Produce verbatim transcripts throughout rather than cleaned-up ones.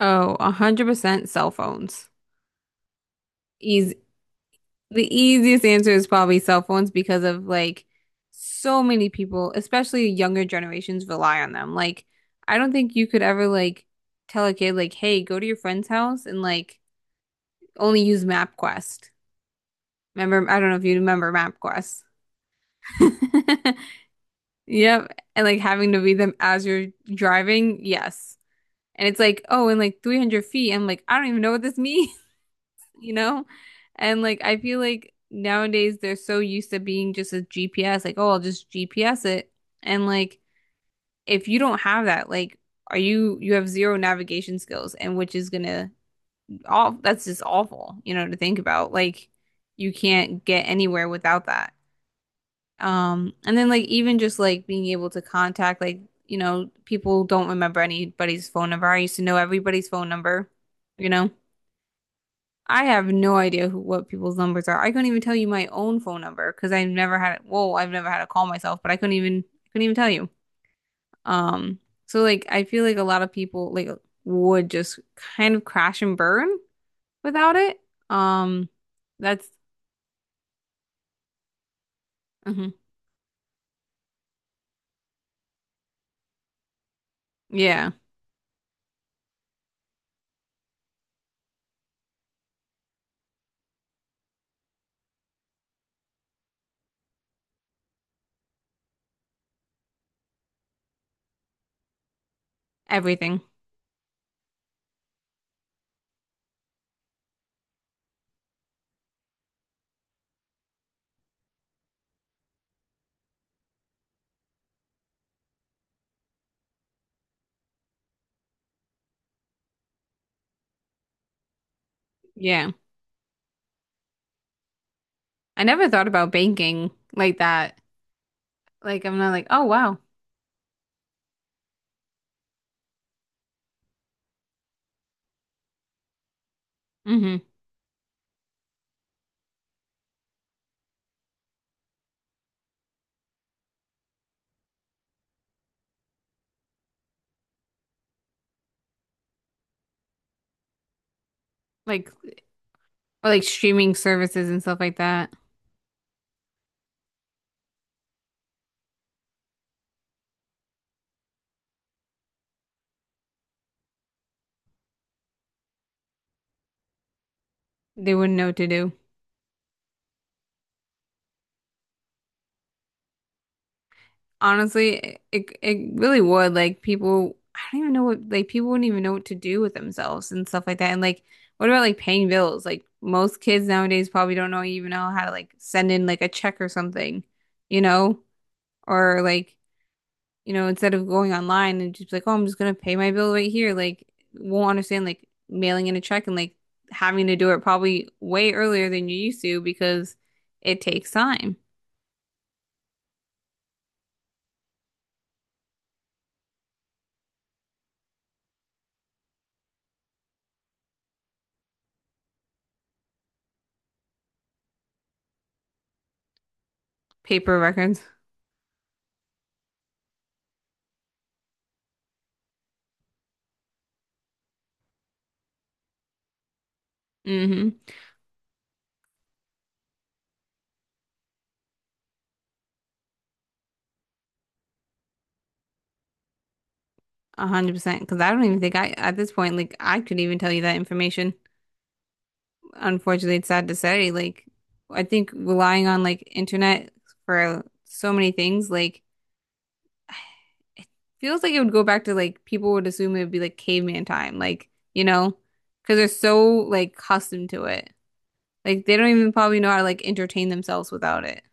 Oh, one hundred percent cell phones. Easy. The easiest answer is probably cell phones because of like so many people, especially younger generations, rely on them. Like, I don't think you could ever like tell a kid like, "Hey, go to your friend's house and like only use MapQuest." Remember, I don't know if you remember MapQuest. Yep, and like having to read them as you're driving, yes. And it's like, oh, in like three hundred feet, I'm like, I don't even know what this means. You know? And like I feel like nowadays they're so used to being just a G P S, like, oh, I'll just G P S it. And like if you don't have that, like are you you have zero navigation skills and which is gonna all that's just awful, you know, to think about. Like you can't get anywhere without that. Um and then like even just like being able to contact like you know, people don't remember anybody's phone number. I used to know everybody's phone number, you know? I have no idea who what people's numbers are. I couldn't even tell you my own phone number because I've never had Whoa, I've never had to call myself, but I couldn't even couldn't even tell you. Um, so like I feel like a lot of people like would just kind of crash and burn without it. Um, that's mhm. Yeah, everything. Yeah. I never thought about banking like that. Like I'm not like, oh wow. hmm Like or like streaming services and stuff like that. They wouldn't know what to do. Honestly, it it it really would. Like people, I don't even know what like people wouldn't even know what to do with themselves and stuff like that. And like, what about like paying bills? Like most kids nowadays probably don't know even know how to like send in like a check or something, you know? Or like, you know, instead of going online and just like, oh, I'm just gonna pay my bill right here. Like, won't understand like mailing in a check and like having to do it probably way earlier than you used to because it takes time. Paper records. Hmm A hundred percent. Because I don't even think I, at this point, like I could even tell you that information. Unfortunately, it's sad to say. Like, I think relying on like internet for so many things, like it feels like it would go back to like people would assume it would be like caveman time, like you know, because they're so like accustomed to it. Like they don't even probably know how to like entertain themselves without it.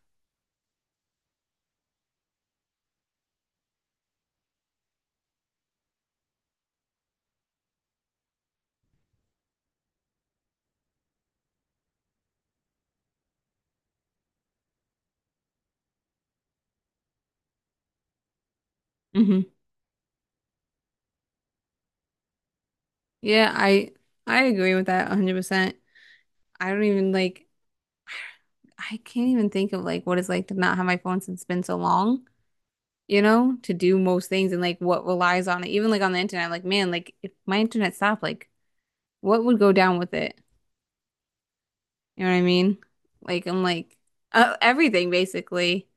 Hmm Yeah, I I agree with that one hundred percent. I don't even like I can't even think of like what it's like to not have my phone since it's been so long. You know, to do most things and like what relies on it. Even like on the internet, like man, like if my internet stopped, like what would go down with it? You know what I mean? Like I'm like uh, everything basically.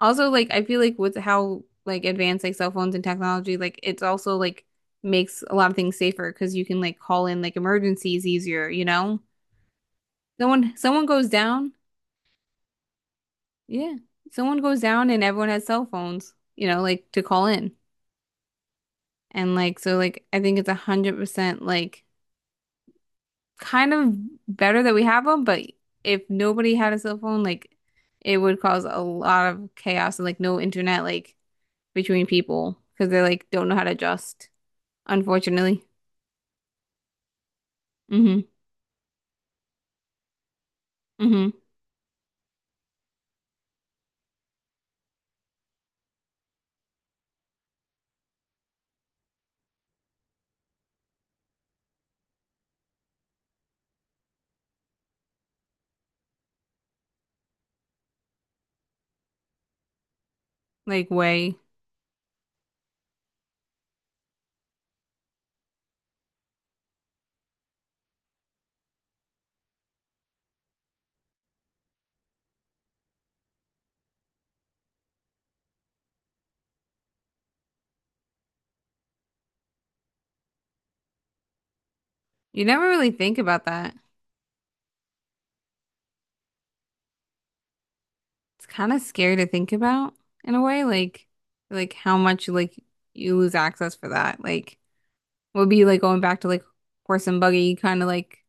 Also, like I feel like with how like advanced like cell phones and technology, like it's also like makes a lot of things safer because you can like call in like emergencies easier, you know? Someone someone goes down, yeah. Someone goes down and everyone has cell phones, you know, like to call in. And like so like I think it's a hundred percent like kind of better that we have them, but if nobody had a cell phone, like it would cause a lot of chaos and like no internet like between people because they like don't know how to adjust, unfortunately. Hmm hmm Like way. You never really think about that. It's kind of scary to think about in a way, like like how much like you lose access for that. Like would be like going back to like horse and buggy kind of like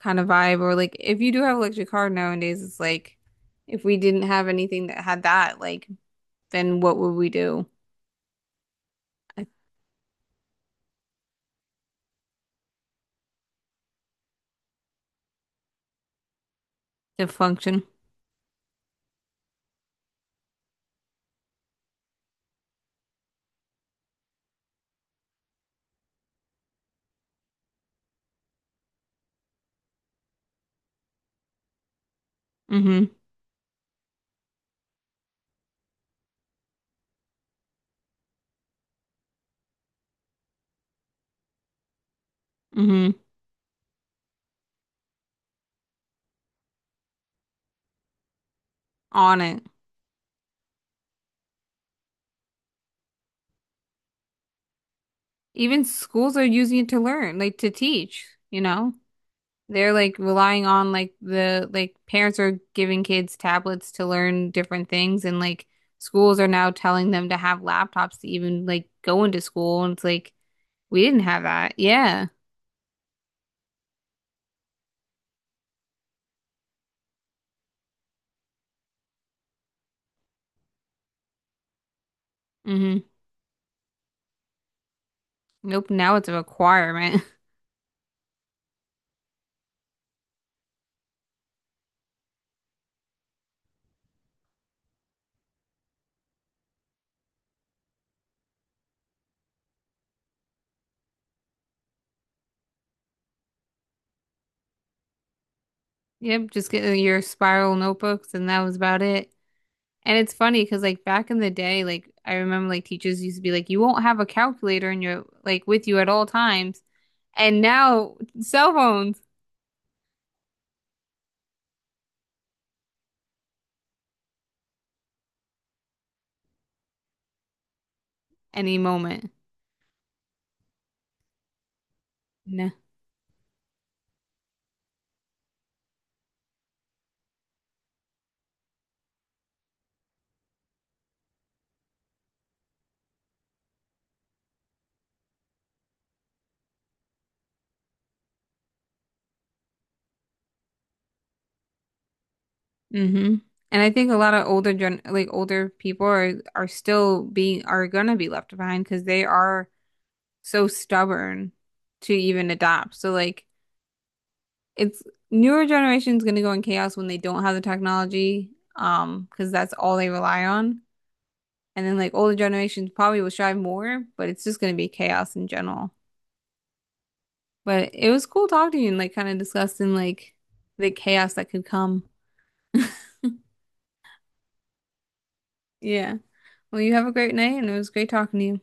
kind of vibe. Or like if you do have an electric car nowadays, it's like if we didn't have anything that had that, like then what would we do. Like, to function? Mm-hmm. Mm-hmm. On it. Even schools are using it to learn, like to teach, you know? They're like relying on like the like parents are giving kids tablets to learn different things and like schools are now telling them to have laptops to even like go into school and it's like we didn't have that. Yeah. Mm-hmm. Nope, now it's a requirement. Yep, just get uh, your spiral notebooks, and that was about it. And it's funny because like back in the day, like I remember like teachers used to be like, you won't have a calculator in your like with you at all times. And now cell phones any moment. No. Mm-hmm. And I think a lot of older gen like older people are are still being are gonna be left behind because they are so stubborn to even adopt. So like it's newer generations going to go in chaos when they don't have the technology, um, because that's all they rely on. And then like older generations probably will strive more, but it's just going to be chaos in general. But it was cool talking to you and like kind of discussing like the chaos that could come. Yeah. Well, you have a great night and it was great talking to you.